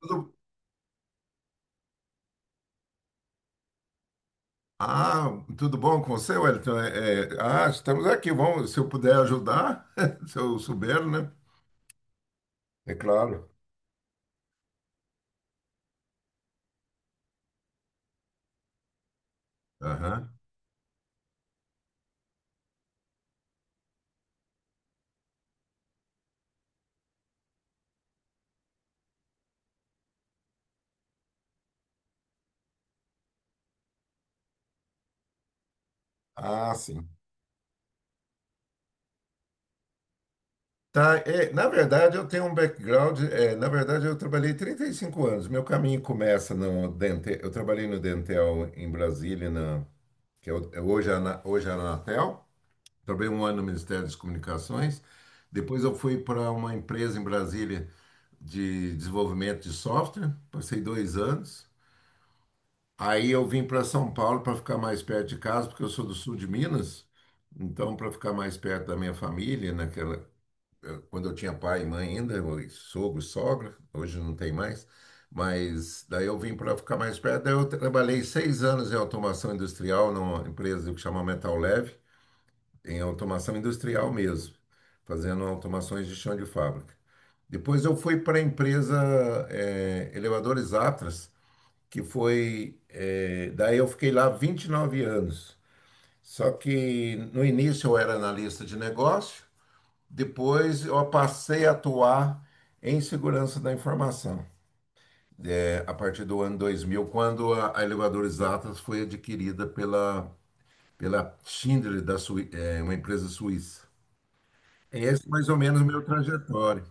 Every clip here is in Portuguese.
Tudo- Ah, tudo bom com você, Wellington? Estamos aqui. Vamos, se eu puder ajudar, se eu souber, né? É claro. Aham. Ah, sim. Tá, na verdade, eu tenho um background. Na verdade, eu trabalhei 35 anos. Meu caminho começa no Dentel. Eu trabalhei no Dentel em Brasília, que é hoje a Anatel. Trabalhei um ano no Ministério das Comunicações. Depois, eu fui para uma empresa em Brasília de desenvolvimento de software. Passei 2 anos. Aí eu vim para São Paulo para ficar mais perto de casa, porque eu sou do sul de Minas. Então, para ficar mais perto da minha família, naquela, quando eu tinha pai e mãe ainda, sogro, sogra, hoje não tem mais. Mas daí eu vim para ficar mais perto. Daí eu trabalhei 6 anos em automação industrial numa empresa que chama Metal Leve, em automação industrial mesmo, fazendo automações de chão de fábrica. Depois eu fui para a empresa Elevadores Atlas daí eu fiquei lá 29 anos. Só que no início eu era analista de negócio, depois eu passei a atuar em segurança da informação. A partir do ano 2000, quando a Elevadores Atlas foi adquirida pela Schindler, uma empresa suíça. Esse é mais ou menos o meu trajetório.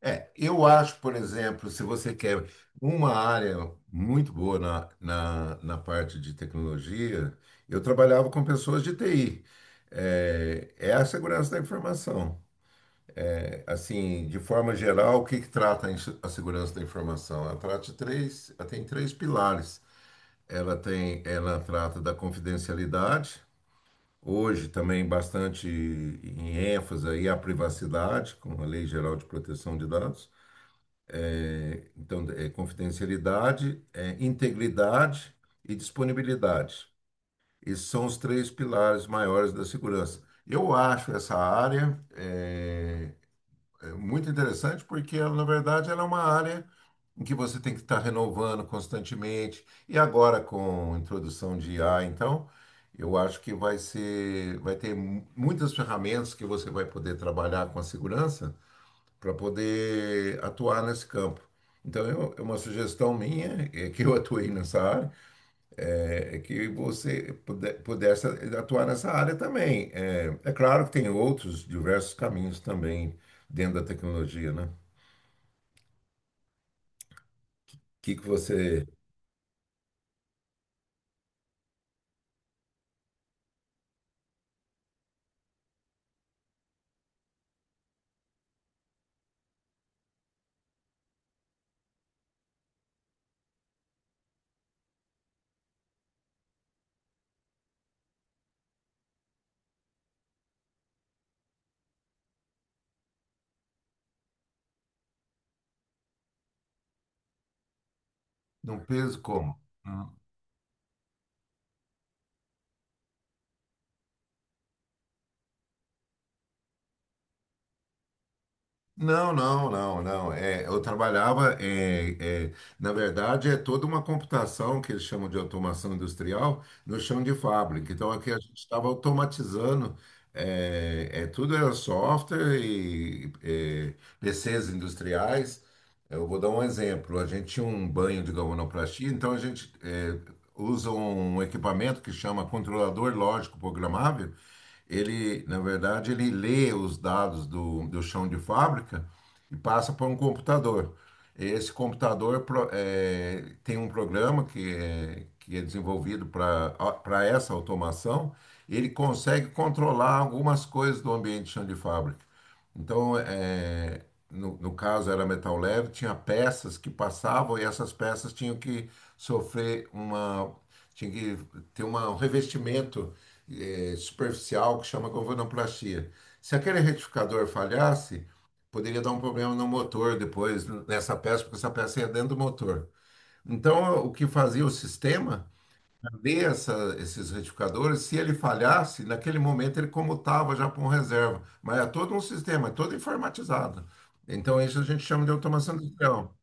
Eu acho, por exemplo, se você quer uma área muito boa na parte de tecnologia, eu trabalhava com pessoas de TI. É a segurança da informação. É, assim, de forma geral, o que que trata a segurança da informação? Ela trata de três. Ela tem três pilares. Ela trata da confidencialidade. Hoje também bastante em ênfase aí a privacidade, com a Lei Geral de Proteção de Dados. Então, é confidencialidade, é integridade e disponibilidade. Esses são os três pilares maiores da segurança. Eu acho essa área é muito interessante porque ela, na verdade, ela é uma área em que você tem que estar renovando constantemente. E agora, com a introdução de IA, então, eu acho que vai ter muitas ferramentas que você vai poder trabalhar com a segurança para poder atuar nesse campo. Então, é uma sugestão minha, é que eu atuei nessa área, é que você pudesse atuar nessa área também. É claro que tem outros diversos caminhos também dentro da tecnologia, né? O que que você? Não, peso como? Não, não, não, não. É, eu trabalhava, na verdade, é toda uma computação que eles chamam de automação industrial no chão de fábrica. Então, aqui a gente estava automatizando, tudo era software PCs industriais. Eu vou dar um exemplo. A gente tinha um banho de galvanoplastia, então a gente usa um equipamento que chama controlador lógico programável. Ele, na verdade, ele lê os dados do chão de fábrica e passa para um computador. Esse computador tem um programa que é desenvolvido para essa automação. Ele consegue controlar algumas coisas do ambiente de chão de fábrica. Então, no caso era Metal Leve, tinha peças que passavam e essas peças tinham que sofrer uma, tinha que ter um revestimento superficial que chama galvanoplastia. Se aquele retificador falhasse, poderia dar um problema no motor depois, nessa peça, porque essa peça ia dentro do motor. Então, o que fazia o sistema, ver esses retificadores, se ele falhasse, naquele momento ele comutava já para um reserva. Mas é todo um sistema, é todo informatizado. Então, isso a gente chama de automação industrial,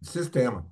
de sistema.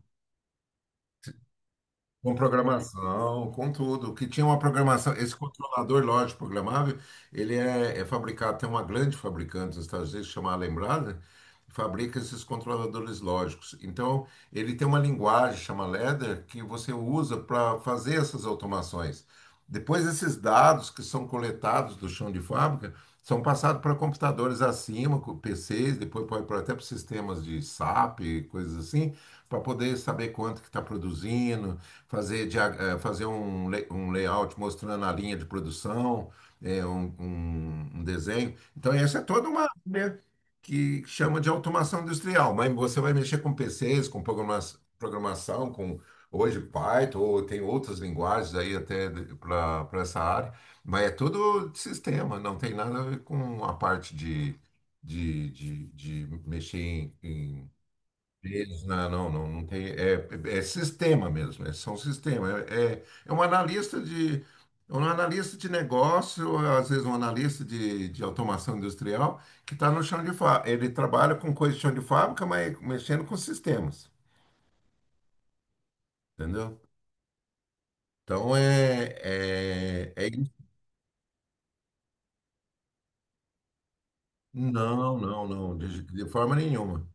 Com programação, com tudo. Que tinha uma programação. Esse controlador lógico programável, ele é fabricado. Tem uma grande fabricante dos Estados Unidos chamada Lembrada, fabrica esses controladores lógicos. Então, ele tem uma linguagem chamada Ladder que você usa para fazer essas automações. Depois, esses dados que são coletados do chão de fábrica são passados para computadores acima, com PCs, depois pode para até para sistemas de SAP, coisas assim, para poder saber quanto que está produzindo, fazer, fazer um layout mostrando a linha de produção, um desenho. Então, essa é toda uma área que chama de automação industrial, mas você vai mexer com PCs, com programação, com hoje Python, ou tem outras linguagens aí até para essa área, mas é tudo de sistema, não tem nada a ver com a parte de mexer em eles, não, não, não, não tem. É sistema mesmo, é, são sistema. É um analista de é um analista de negócio, às vezes um analista de automação industrial, que está no chão de fábrica. Ele trabalha com coisa de chão de fábrica, mas mexendo com sistemas, entendeu? Então é isso. Não, não, não, de forma nenhuma.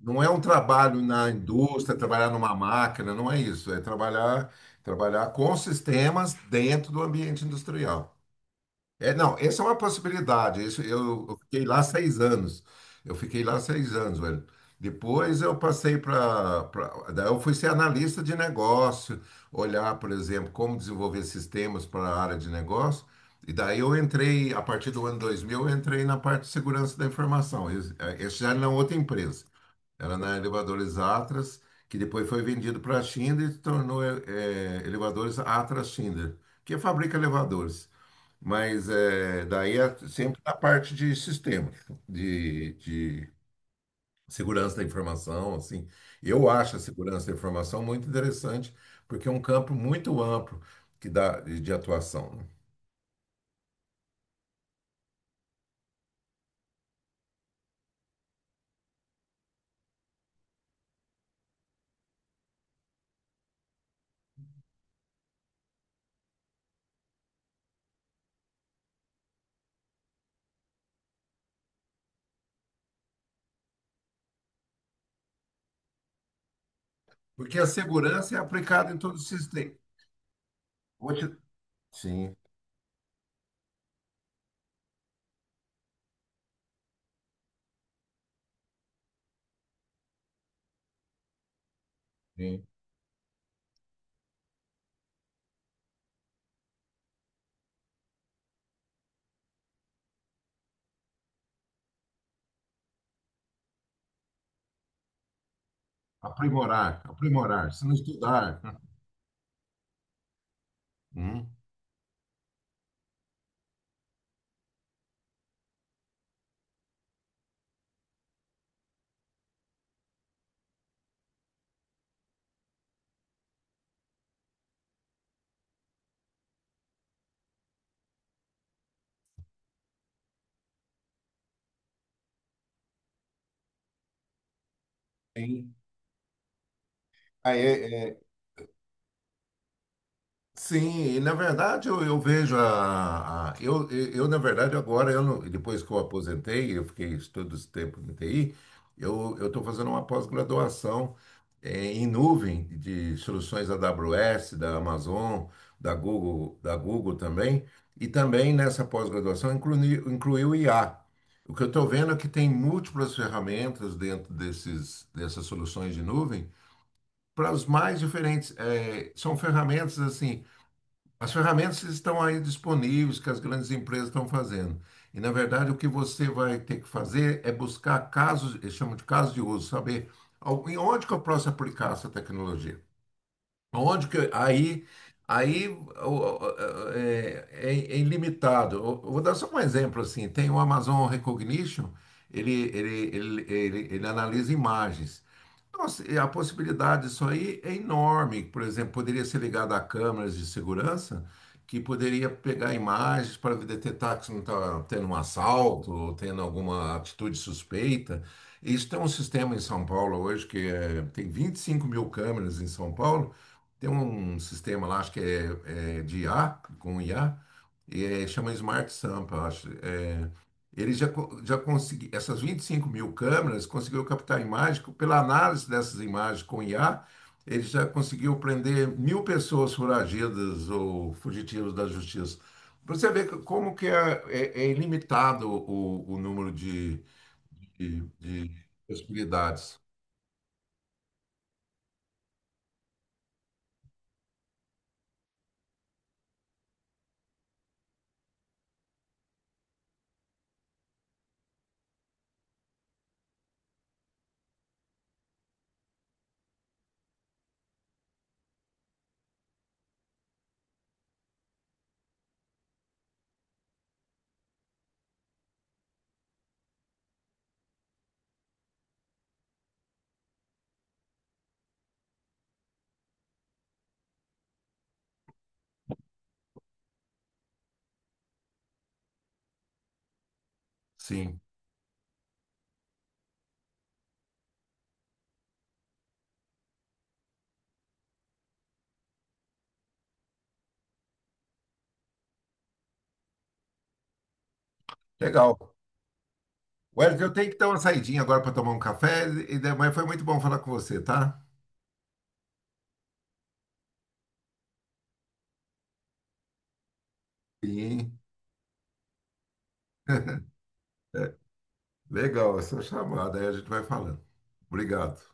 Não é um trabalho na indústria, trabalhar numa máquina, não é isso. É trabalhar, com sistemas dentro do ambiente industrial. É, não, essa é uma possibilidade. Isso, eu fiquei lá 6 anos. Eu fiquei lá seis anos, velho. Depois eu passei para. Daí eu fui ser analista de negócio, olhar, por exemplo, como desenvolver sistemas para a área de negócio. E daí eu entrei, a partir do ano 2000, eu entrei na parte de segurança da informação. Esse já era na outra empresa. Era na Elevadores Atlas, que depois foi vendido para a Schindler e se tornou Elevadores Atlas Schindler, que fabrica elevadores. Mas daí é sempre na parte de sistema, de segurança da informação, assim. Eu acho a segurança da informação muito interessante, porque é um campo muito amplo que dá de atuação, né? Porque a segurança é aplicada em todo o sistema. Vou te- Sim, sim. Aprimorar, aprimorar. Se não estudar. Hum. Sim. Ah, é- é, Sim, e na verdade eu vejo eu, na verdade, agora, eu não- depois que eu aposentei, eu fiquei todo esse tempo no TI. Eu estou fazendo uma pós-graduação em nuvem de soluções AWS, da Amazon, da Google também, e também nessa pós-graduação inclui o IA. O que eu estou vendo é que tem múltiplas ferramentas dentro dessas soluções de nuvem para os mais diferentes. Eh, são ferramentas assim As ferramentas estão aí disponíveis que as grandes empresas estão fazendo. E, na verdade, o que você vai ter que fazer é buscar casos, eles chamam de casos de uso, saber em onde que eu posso aplicar essa tecnologia. Onde que aí é ilimitado. Eu vou dar só um exemplo assim. Tem o Amazon Recognition, ele analisa imagens. Nossa, e a possibilidade disso aí é enorme. Por exemplo, poderia ser ligado a câmeras de segurança que poderia pegar imagens para detectar que não está tendo um assalto ou tendo alguma atitude suspeita. Isso tem um sistema em São Paulo hoje tem 25 mil câmeras em São Paulo. Tem um sistema lá, acho que é de IA, com IA, chama Smart Sampa, acho. É, ele já conseguiu, essas 25 mil câmeras, conseguiu captar imagem, pela análise dessas imagens com IA, ele já conseguiu prender mil pessoas foragidas ou fugitivos da justiça. Pra você ver como que é ilimitado o número de possibilidades. Sim, legal. Wesley, eu tenho que dar uma saidinha agora para tomar um café, mas foi muito bom falar com você, tá? Sim. Legal essa chamada, aí a gente vai falando. Obrigado.